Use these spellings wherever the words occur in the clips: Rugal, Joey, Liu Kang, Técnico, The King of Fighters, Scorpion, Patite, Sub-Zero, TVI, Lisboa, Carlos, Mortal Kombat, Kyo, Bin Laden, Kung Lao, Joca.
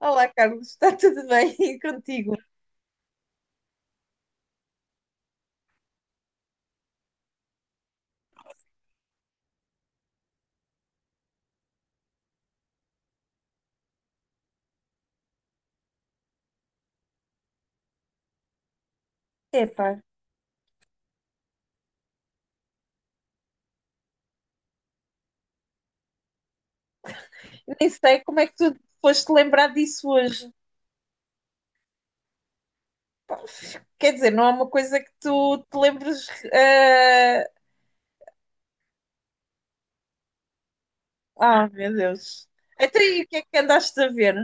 Olá, Carlos, está tudo bem. E contigo? Epá, nem sei como é que tu foste lembrar disso hoje. Pá, quer dizer, não é uma coisa que tu te lembres. eh, Ah, meu Deus. Até aí, o que é que andaste a ver?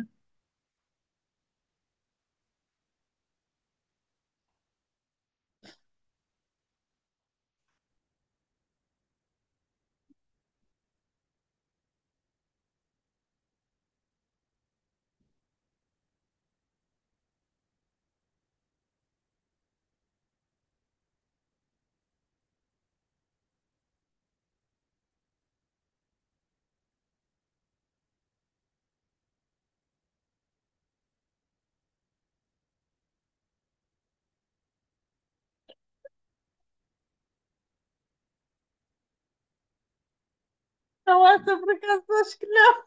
Não, essa por acaso acho que não.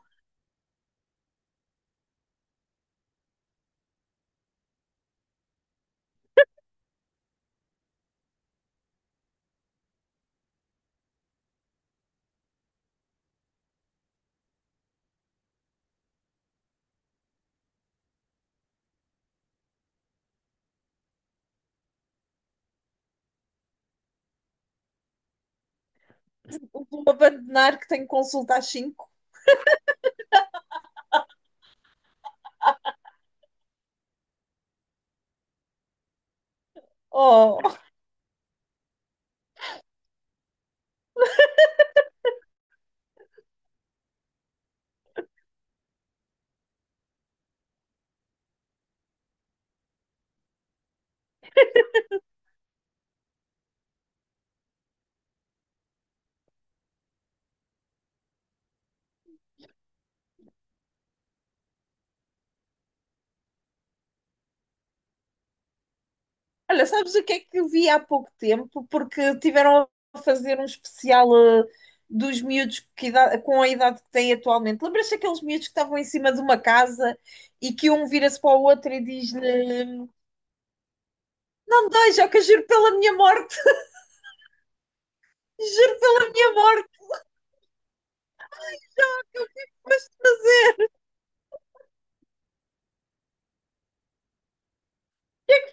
Vou abandonar que tenho consulta às cinco. Oh, olha, sabes o que é que eu vi há pouco tempo? Porque tiveram a fazer um especial dos miúdos com a idade que têm atualmente. Lembras-te daqueles miúdos que estavam em cima de uma casa e que um vira-se para o outro e diz-lhe: não me dói, Joca, juro pela minha morte, juro pela minha morte, mas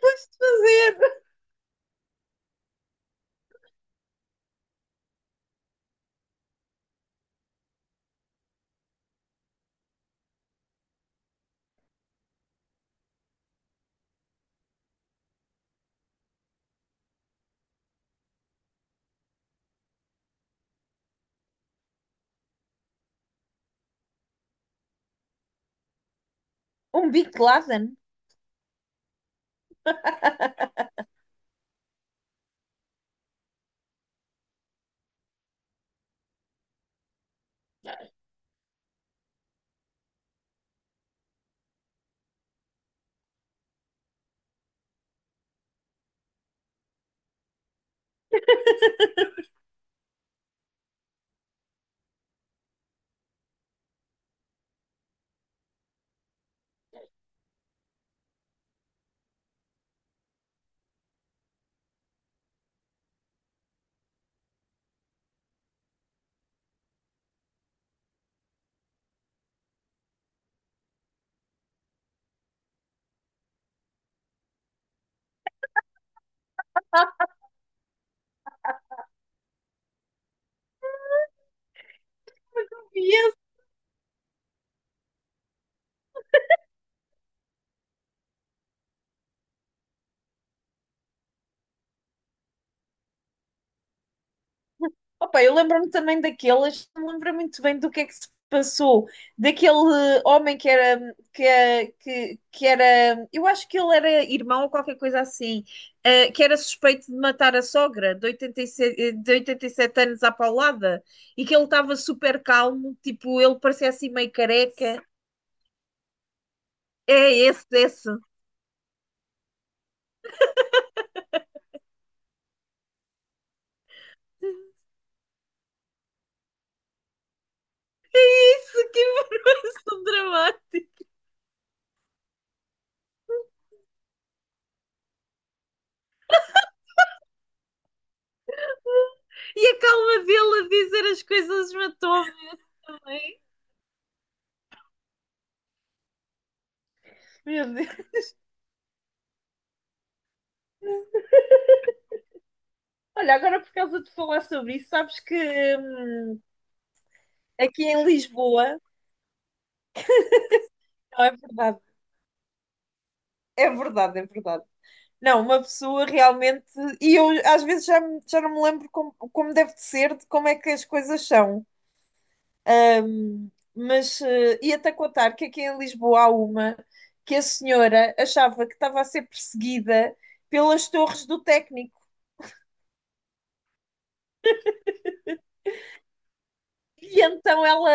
foste fazer. Um Bin Laden. Opa, eu lembro-me também daquelas, não me lembro muito bem do que é que se passou, daquele homem que era, eu acho que ele era irmão ou qualquer coisa assim, que era suspeito de matar a sogra de 87, de 87 anos à paulada, e que ele estava super calmo, tipo, ele parecia assim meio careca. É esse. É isso, que informação dramática. E a calma dele a dizer as coisas matou-me também. Meu Deus. Olha, agora por causa de falar sobre isso, sabes que hum, aqui em Lisboa, não é verdade, é verdade, é verdade. Não, uma pessoa realmente, e eu às vezes já não me lembro como deve de ser, de como é que as coisas são. Hum, Mas ia-te a contar que aqui em Lisboa há uma que a senhora achava que estava a ser perseguida pelas torres do Técnico. E então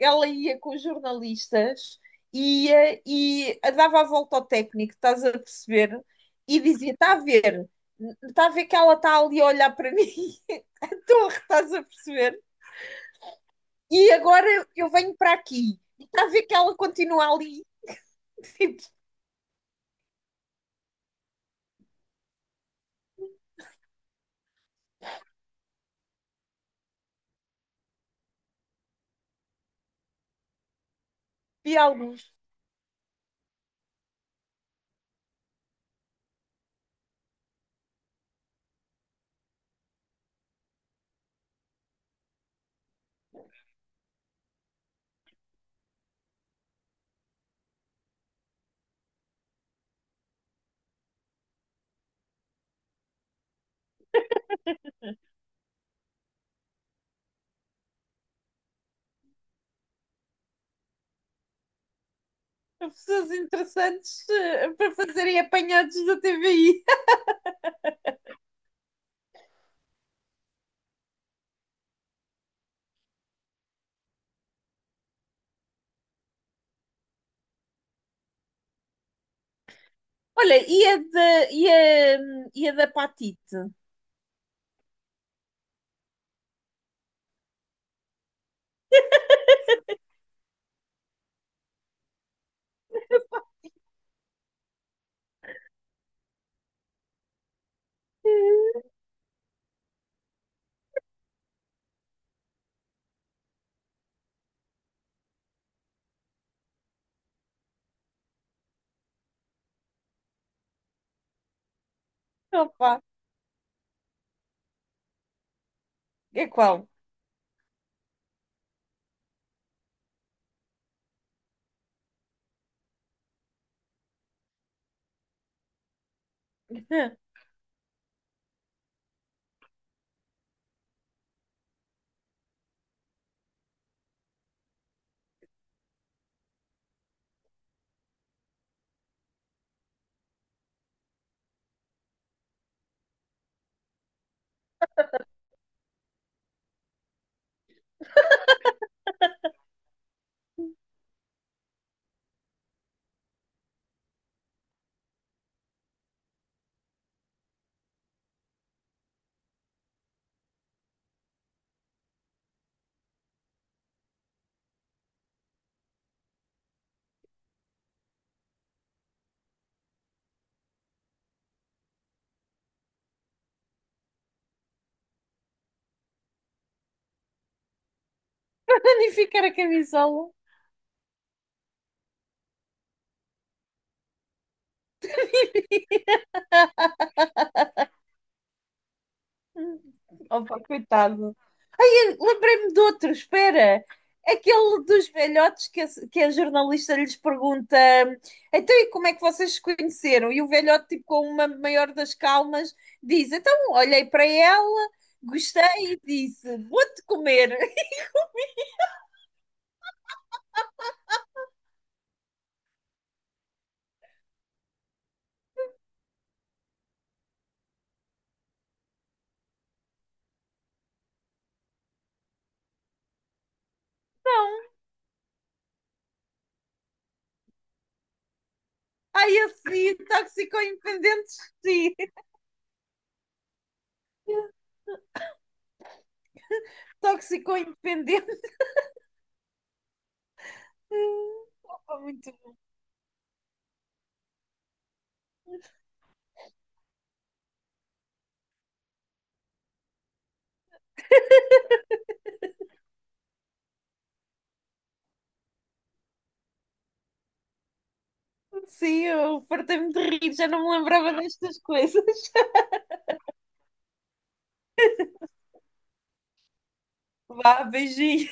ela ia com os jornalistas, ia e dava a volta ao técnico, estás a perceber? E dizia: está a ver que ela está ali a olhar para mim, a torre, estás a perceber? E agora eu venho para aqui, e está a ver que ela continua ali, tipo, diálogos a pessoas interessantes para fazerem apanhados da TVI. Olha, e a da Patite? Opa, é qual? Danificar a camisola. Opa, coitado. Ai, eu lembrei-me de outro, espera. Aquele dos velhotes que a jornalista lhes pergunta: então, e como é que vocês se conheceram? E o velhote, tipo, com uma maior das calmas, diz: então, olhei para ela, gostei e disse: vou-te comer. Então, ai, assim, tóxico independente, sim. Tóxico independente. Opa, muito. Sim, eu fartei-me de rir, já não me lembrava destas coisas. Vá, beijinho.